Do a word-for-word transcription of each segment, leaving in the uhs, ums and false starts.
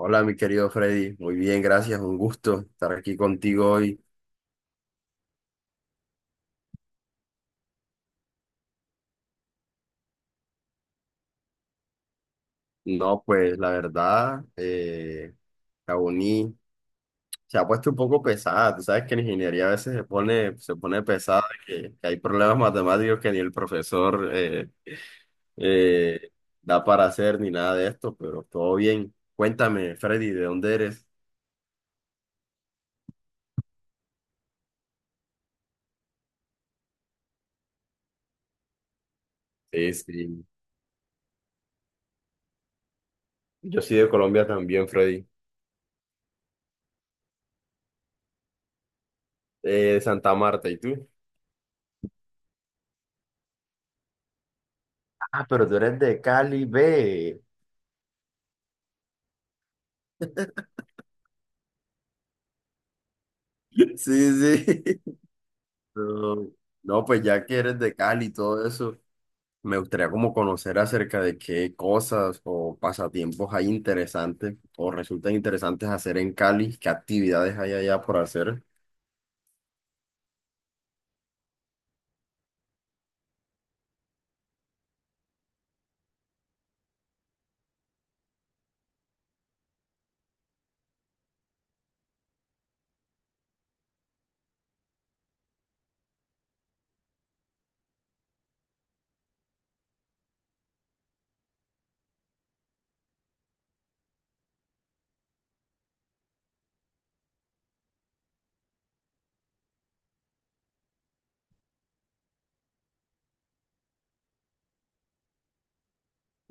Hola, mi querido Freddy. Muy bien, gracias. Un gusto estar aquí contigo hoy. No, pues la verdad, eh, la uni se ha puesto un poco pesada. Tú sabes que la ingeniería a veces se pone, se pone pesada, que, que hay problemas matemáticos que ni el profesor eh, eh, da para hacer ni nada de esto, pero todo bien. Cuéntame, Freddy, ¿de dónde eres? Sí, sí. Yo soy de Colombia también, Freddy. Eh, de Santa Marta, ¿y tú? Ah, pero tú eres de Cali, ve. Sí, sí. Pero, no, pues ya que eres de Cali y todo eso, me gustaría como conocer acerca de qué cosas o pasatiempos hay interesantes o resultan interesantes hacer en Cali, qué actividades hay allá por hacer.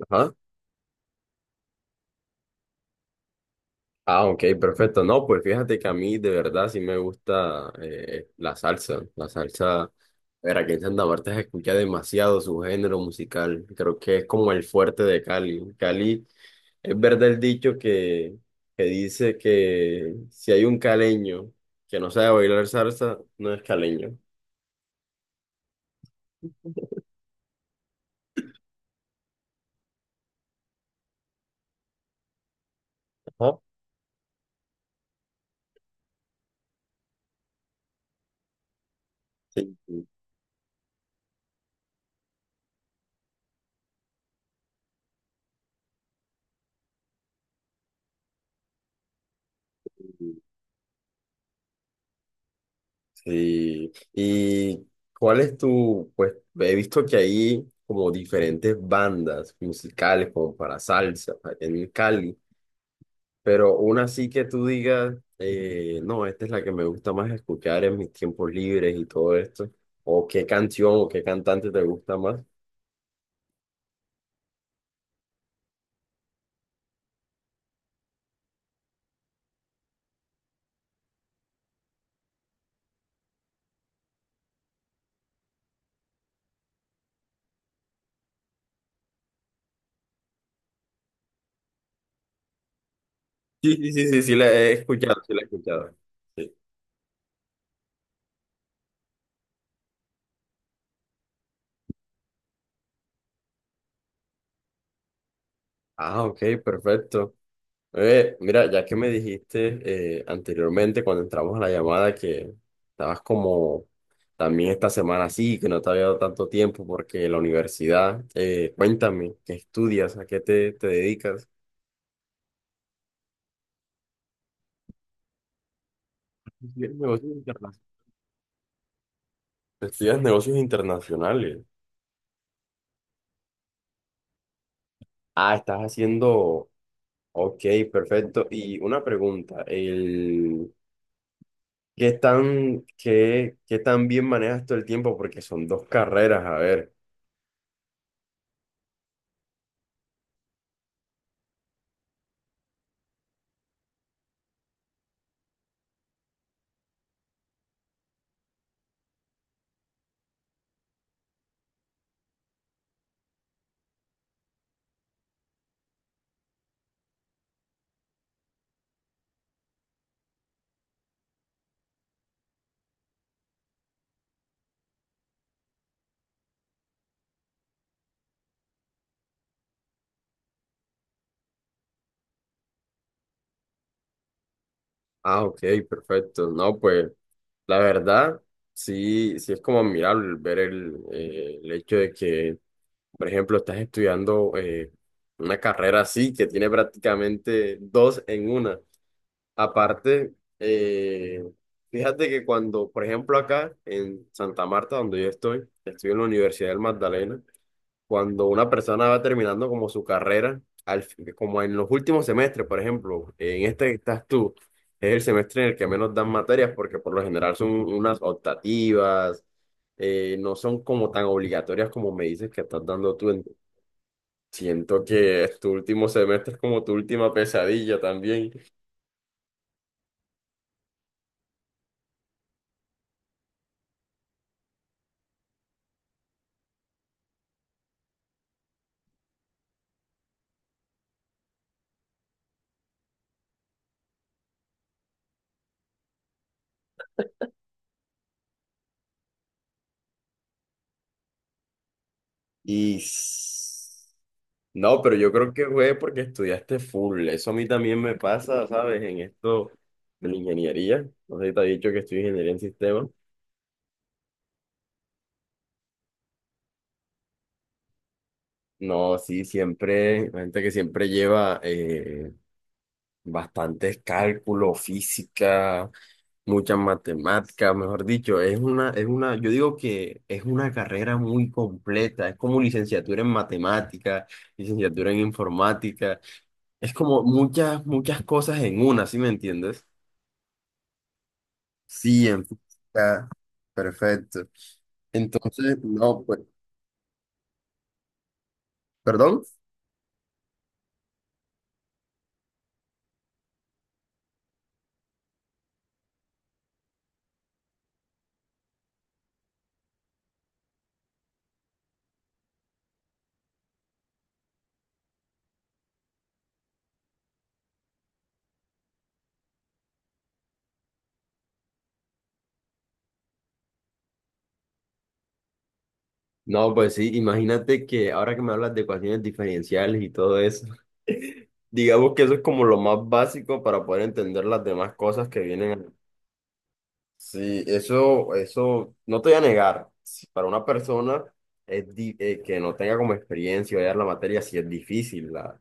Ajá. Ah, ok, perfecto. No, pues fíjate que a mí de verdad sí me gusta eh, la salsa. La salsa, ver, aquí en Santa Marta se escucha demasiado su género musical. Creo que es como el fuerte de Cali. Cali. Es verdad el dicho que, que dice que si hay un caleño que no sabe bailar salsa, no es caleño. Ajá. Sí, sí. ¿Y cuál es tu, pues he visto que hay como diferentes bandas musicales como para salsa en Cali, pero una sí que tú digas, eh, no, esta es la que me gusta más escuchar en mis tiempos libres y todo esto, o qué canción o qué cantante te gusta más? Sí, sí, sí, sí, sí, la he escuchado, sí, la he escuchado. Sí. Ah, ok, perfecto. Eh, mira, ya que me dijiste eh, anteriormente cuando entramos a la llamada que estabas como también esta semana así, que no te había dado tanto tiempo porque la universidad, eh, cuéntame, ¿qué estudias? ¿A qué te, te dedicas? Estudias negocios internacionales. Estudias negocios internacionales. Ah, estás haciendo, ok, perfecto. Y una pregunta, ¿Qué tan, qué, qué tan bien manejas todo el tiempo? Porque son dos carreras, a ver. Ah, ok, perfecto. No, pues la verdad, sí, sí es como admirable el ver el, eh, el hecho de que, por ejemplo, estás estudiando eh, una carrera así, que tiene prácticamente dos en una. Aparte, eh, fíjate que cuando, por ejemplo, acá en Santa Marta, donde yo estoy, estoy en la Universidad del Magdalena. Cuando una persona va terminando como su carrera, al, fin- como en los últimos semestres, por ejemplo, en este que estás tú, es el semestre en el que menos dan materias porque por lo general son unas optativas, eh, no son como tan obligatorias como me dices que estás dando tú. Siento que es tu último semestre, es como tu última pesadilla también. Y s- no, pero yo creo que fue porque estudiaste full. Eso a mí también me pasa, ¿sabes? En esto de la ingeniería. No sé si te ha dicho que estoy ingeniería en sistemas. No, sí, siempre, la gente que siempre lleva eh, bastantes cálculos, física, muchas matemáticas, mejor dicho, es una, es una, yo digo que es una carrera muy completa, es como licenciatura en matemáticas, licenciatura en informática, es como muchas, muchas cosas en una, ¿sí me entiendes? Sí, en física. Perfecto. Entonces, no, pues, perdón. No, pues sí, imagínate que ahora que me hablas de ecuaciones diferenciales y todo eso, digamos que eso es como lo más básico para poder entender las demás cosas que vienen. Sí, eso, eso, no te voy a negar, si para una persona es di- eh, que no tenga como experiencia o ya la materia, sí es difícil, la.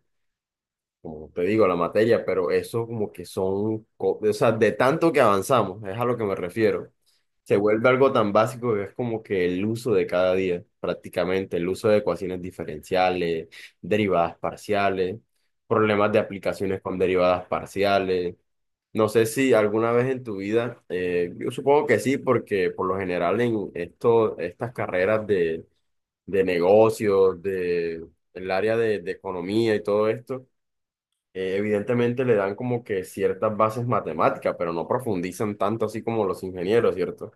Como te digo, la materia, pero eso como que son, co- o sea, de tanto que avanzamos, es a lo que me refiero. Se vuelve algo tan básico que es como que el uso de cada día, prácticamente, el uso de ecuaciones diferenciales, derivadas parciales, problemas de aplicaciones con derivadas parciales. No sé si alguna vez en tu vida, eh, yo supongo que sí, porque por lo general en esto, estas carreras de, de negocios, de, el área de de economía y todo esto, eh, evidentemente le dan como que ciertas bases matemáticas, pero no profundizan tanto así como los ingenieros, ¿cierto?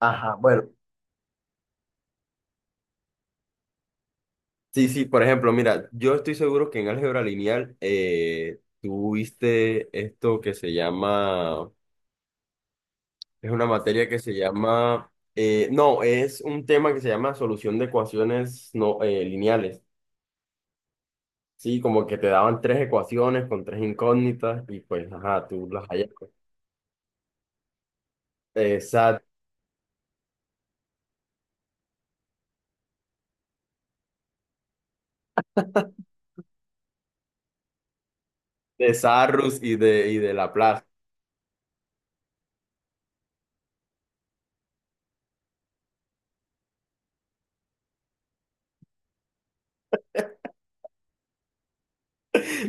Ajá, bueno, sí, sí, por ejemplo, mira, yo estoy seguro que en álgebra lineal eh, tú viste esto que se llama, es una materia que se llama, eh, no, es un tema que se llama solución de ecuaciones no, eh, lineales. Sí, como que te daban tres ecuaciones con tres incógnitas y pues, ajá, tú las hallas. Exacto, de Sarrus y de, y de Laplace.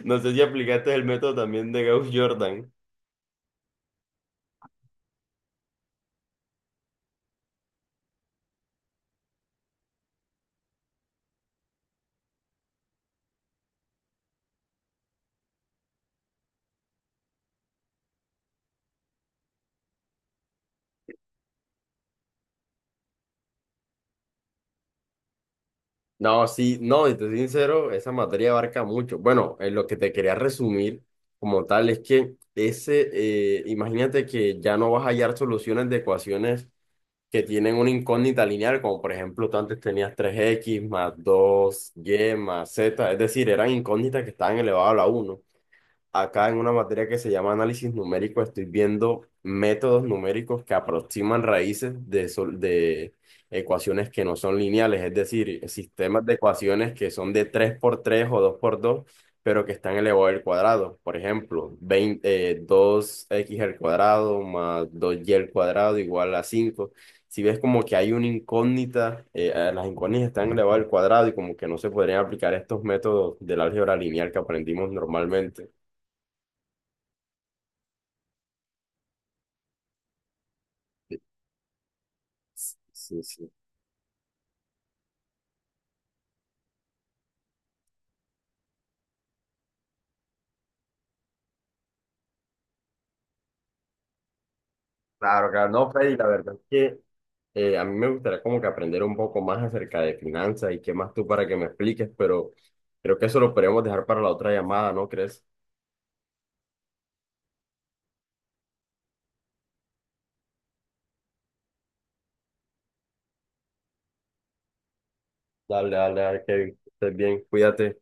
No sé si aplicaste el método también de Gauss-Jordan. No, sí, no, y te soy sincero, esa materia abarca mucho. Bueno, en lo que te quería resumir como tal es que ese, eh, imagínate que ya no vas a hallar soluciones de ecuaciones que tienen una incógnita lineal, como por ejemplo tú antes tenías tres x más dos y más z, es decir, eran incógnitas que estaban elevadas a la uno. Acá en una materia que se llama análisis numérico, estoy viendo métodos numéricos que aproximan raíces de, sol- de ecuaciones que no son lineales, es decir, sistemas de ecuaciones que son de tres por tres o dos por dos pero que están elevado al cuadrado. Por ejemplo, veinte eh, dos x al cuadrado más dos y al cuadrado igual a cinco. Si ves como que hay una incógnita, eh, eh, las incógnitas están elevadas al cuadrado y como que no se podrían aplicar estos métodos del álgebra lineal que aprendimos normalmente. Sí, sí. Claro, claro. No, Freddy, la verdad es que eh, a mí me gustaría como que aprender un poco más acerca de finanzas y qué más tú para que me expliques, pero creo que eso lo podemos dejar para la otra llamada, ¿no crees? Dale, dale, dale, Kevin. Que estés bien, cuídate.